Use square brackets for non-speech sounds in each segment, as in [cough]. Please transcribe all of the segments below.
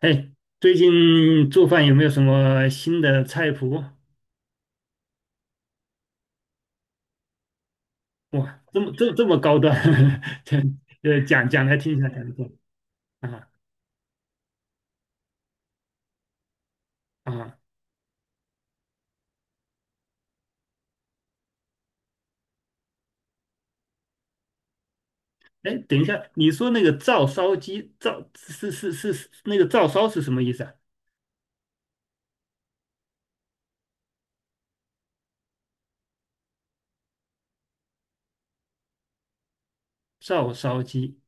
哎，最近做饭有没有什么新的菜谱？哇，这么高端。[laughs] 这讲讲来听一下，讲一下。啊啊！哎，等一下，你说那个照烧鸡，照是是是是那个照烧是什么意思啊？照烧鸡，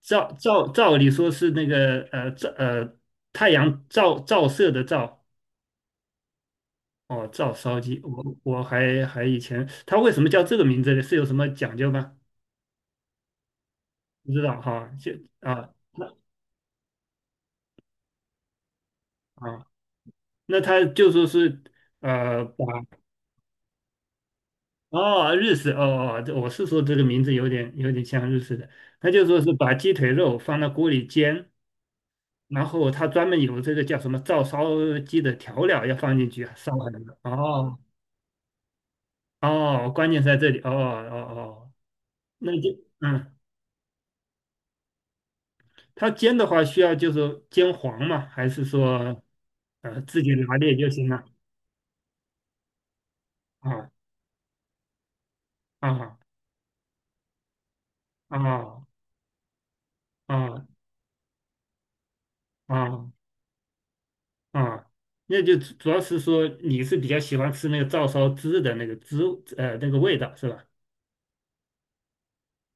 照理说是那个照太阳照射的照。哦，照烧鸡，我还以前它为什么叫这个名字呢？是有什么讲究吗？不知道哈。啊。啊，那他就说是呃把哦，日式哦。哦，这我是说这个名字有点像日式的，他就说是把鸡腿肉放到锅里煎，然后他专门有这个叫什么照烧鸡的调料要放进去，啊，烧很久。哦。哦，关键在这里，哦哦哦，哦，那就嗯，他煎的话需要就是煎黄吗？还是说自己拿捏就行了？啊啊啊啊啊！哦，啊，那就主要是说你是比较喜欢吃那个照烧汁的那个汁那个味道是吧？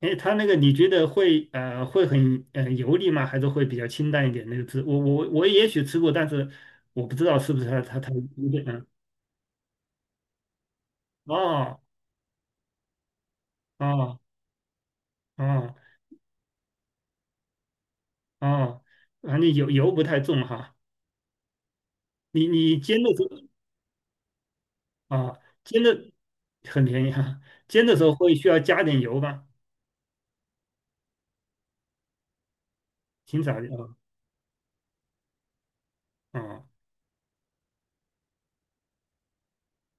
哎，它那个你觉得会很油腻吗？还是会比较清淡一点那个汁？我也许吃过，但是我不知道是不是它。有点嗯，哦哦哦哦，反正油不太重哈。你煎的时候啊，煎的很便宜哈。煎的时候会需要加点油吧？挺少的啊。啊，哦，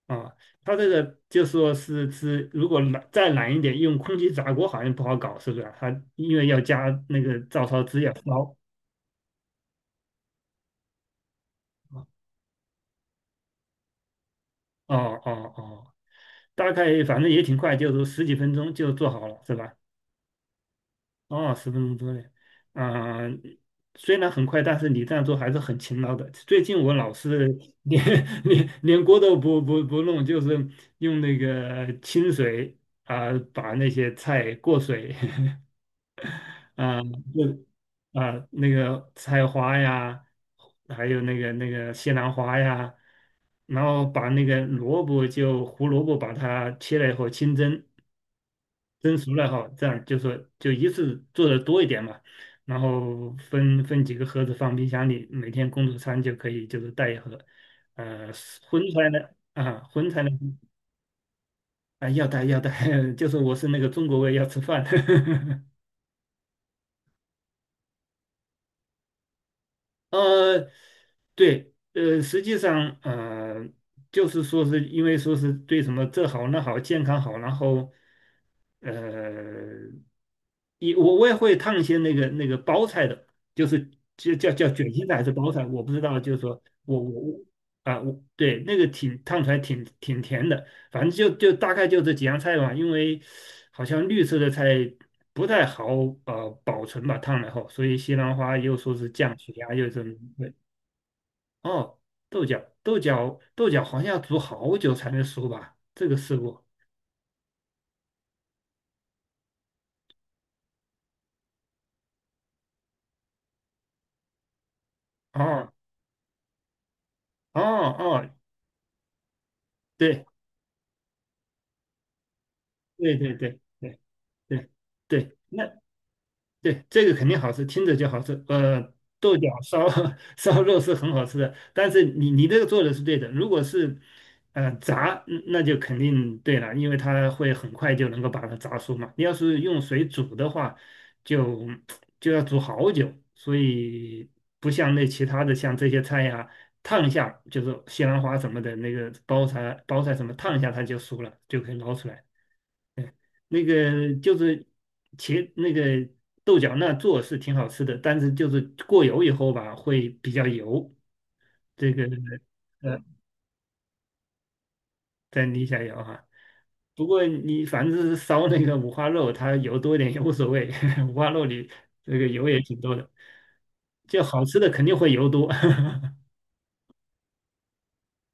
啊，它这个就说是是，如果懒再懒一点，用空气炸锅好像不好搞，是不是啊？它因为要加那个照烧汁要烧。哦，哦哦，大概反正也挺快，就是十几分钟就做好了，是吧？哦，十分钟多嘞。啊、虽然很快，但是你这样做还是很勤劳的。最近我老是 [laughs] 连连锅都不弄，就是用那个清水啊、把那些菜过水。[laughs] 啊。啊，那个菜花呀，还有那个西兰花呀，然后把那个萝卜就胡萝卜把它切了以后清蒸，蒸熟了以后，这样就说就一次做的多一点嘛，然后分几个盒子放冰箱里，每天工作餐就可以就是带一盒。呃，荤菜呢，荤菜呢。啊，要带要带。[laughs] 就是我是那个中国胃要吃饭。[laughs] 呃，对，实际上，就是说是因为说是对什么这好那好，健康好，然后，呃，也我也会烫一些那个那个包菜的，就是就叫卷心菜还是包菜，我不知道，就是说我。啊，我对那个挺烫出来挺挺甜的，反正就就大概就这几样菜嘛，因为好像绿色的菜不太好保存吧，烫了后，所以西兰花又说是降血压，又怎么。对，哦，豆角，豆角，豆角好像要煮好久才能熟吧？这个试过。哦，哦哦，对对对对对对对。那对，这个肯定好吃，听着就好吃。豆角烧 [laughs] 烧肉是很好吃的，但是你这个做的是对的。如果是炸，嗯，那就肯定对了，因为它会很快就能够把它炸熟嘛。你要是用水煮的话，就就要煮好久，所以不像那其他的像这些菜呀、烫一下就是西兰花什么的那个包菜包菜什么烫一下它就熟了，就可以捞出来。那个就是那个豆角那做是挺好吃的，但是就是过油以后吧，会比较油。这个呃，再捏一下油哈。不过你反正是烧那个五花肉，它油多一点也无所谓，[laughs] 五花肉里这个油也挺多的，就好吃的肯定会油多。[laughs]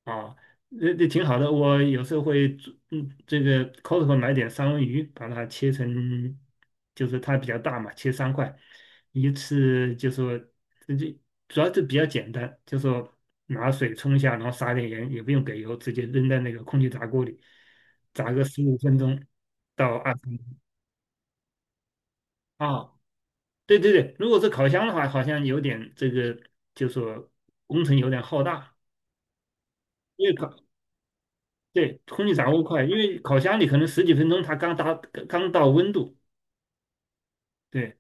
啊，这这挺好的。我有时候会做，嗯，这个 Costco 买点三文鱼，把它切成，就是它比较大嘛，切三块，一次就说，这就主要是比较简单，就说拿水冲一下，然后撒点盐，也不用给油，直接扔在那个空气炸锅里，炸个15分钟到20分钟。啊，对对对，如果是烤箱的话，好像有点这个，就说工程有点浩大。因为烤对，空气炸锅快，因为烤箱里可能十几分钟它刚到温度。对，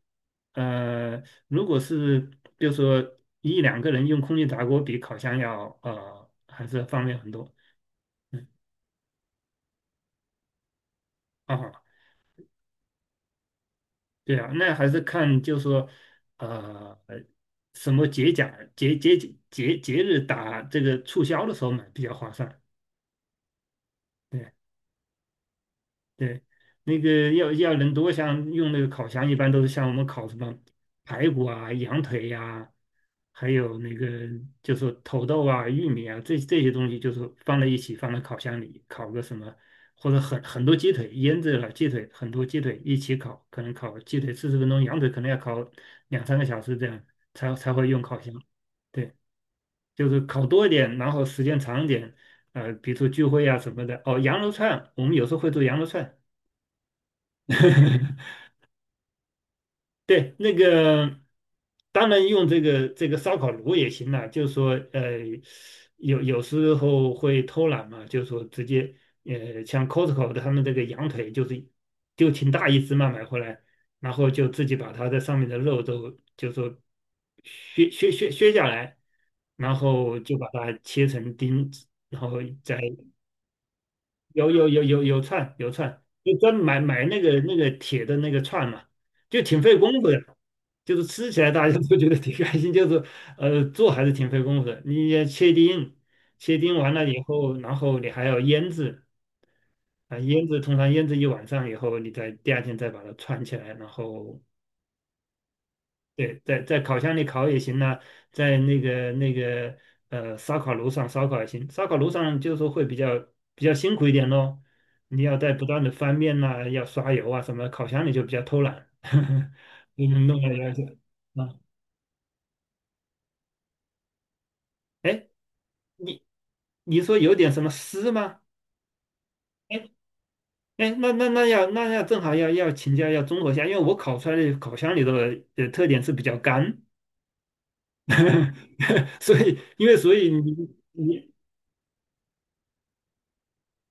如果是比如说一两个人用空气炸锅，比烤箱要还是方便很多。嗯。啊，对啊，那还是看就是说呃什么节假节节节节日打这个促销的时候买比较划算。对。对，那个要要人多，像用那个烤箱，一般都是像我们烤什么排骨啊、羊腿呀、还有那个就是土豆啊、玉米啊，这这些东西就是放在一起，放在烤箱里烤个什么，或者很多鸡腿，腌制了鸡腿，很多鸡腿一起烤，可能烤鸡腿40分钟，羊腿可能要烤两三个小时这样才会用烤箱。对，就是烤多一点，然后时间长一点，比如说聚会啊什么的。哦，羊肉串，我们有时候会做羊肉串。[laughs] 对，那个当然用这个这个烧烤炉也行啦，就是说，有有时候会偷懒嘛，就是说直接，像 Costco 的他们这个羊腿就是就挺大一只嘛，买回来，然后就自己把它的上面的肉都就说削下来，然后就把它切成丁，然后再有串，有串，就专门买那个那个铁的那个串嘛，就挺费功夫的。就是吃起来大家都觉得挺开心，就是做还是挺费功夫的。你要切丁，切丁完了以后，然后你还要腌制，啊，腌制通常腌制一晚上以后，你再第二天再把它串起来，然后对，在在烤箱里烤也行呐、在那个那个烧烤炉上烧烤也行。烧烤炉上就是说会比较比较辛苦一点咯，你要在不断的翻面呐、要刷油啊什么。烤箱里就比较偷懒。[laughs] 你能弄了弄求啊。哎，你你说有点什么湿吗？哎，哎，那要正好要要请教，要综合一下，因为我烤出来的烤箱里的特点是比较干。[laughs] 所以因为所以你你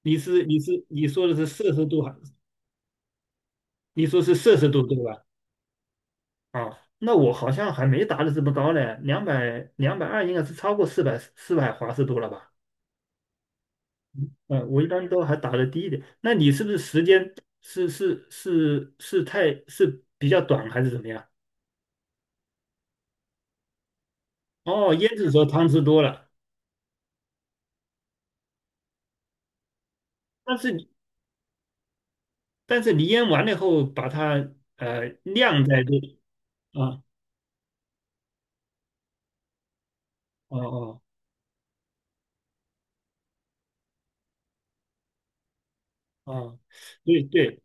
你是你是你说的是摄氏度还，你说是摄氏度对吧？啊，那我好像还没达到这么高呢，两百，220应该是超过四百，400华氏度了吧？嗯，我一般都还打的低一点。那你是不是时间是是是是太是比较短还是怎么样？哦，腌制的时候汤汁多了，但是你但是你腌完了以后把它晾在这里。啊，哦哦哦，对对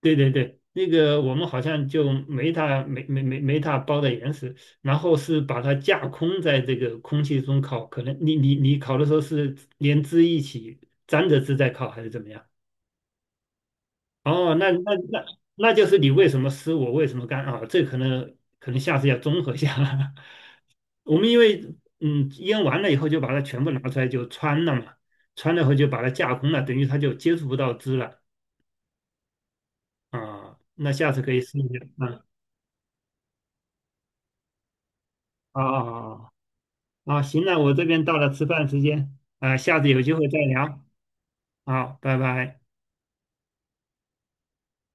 对对对，那个我们好像就没它没它包的严实，然后是把它架空在这个空气中烤，可能你烤的时候是连汁一起沾着汁在烤还是怎么样？哦，那就是你为什么湿我为什么干啊？这可能，可能下次要综合一下。[laughs] 我们因为嗯腌完了以后就把它全部拿出来就穿了嘛，穿了以后就把它架空了，等于它就接触不到汁了。啊，那下次可以试一下。嗯，啊啊啊。啊，行了，我这边到了吃饭时间，啊，下次有机会再聊。好，拜拜。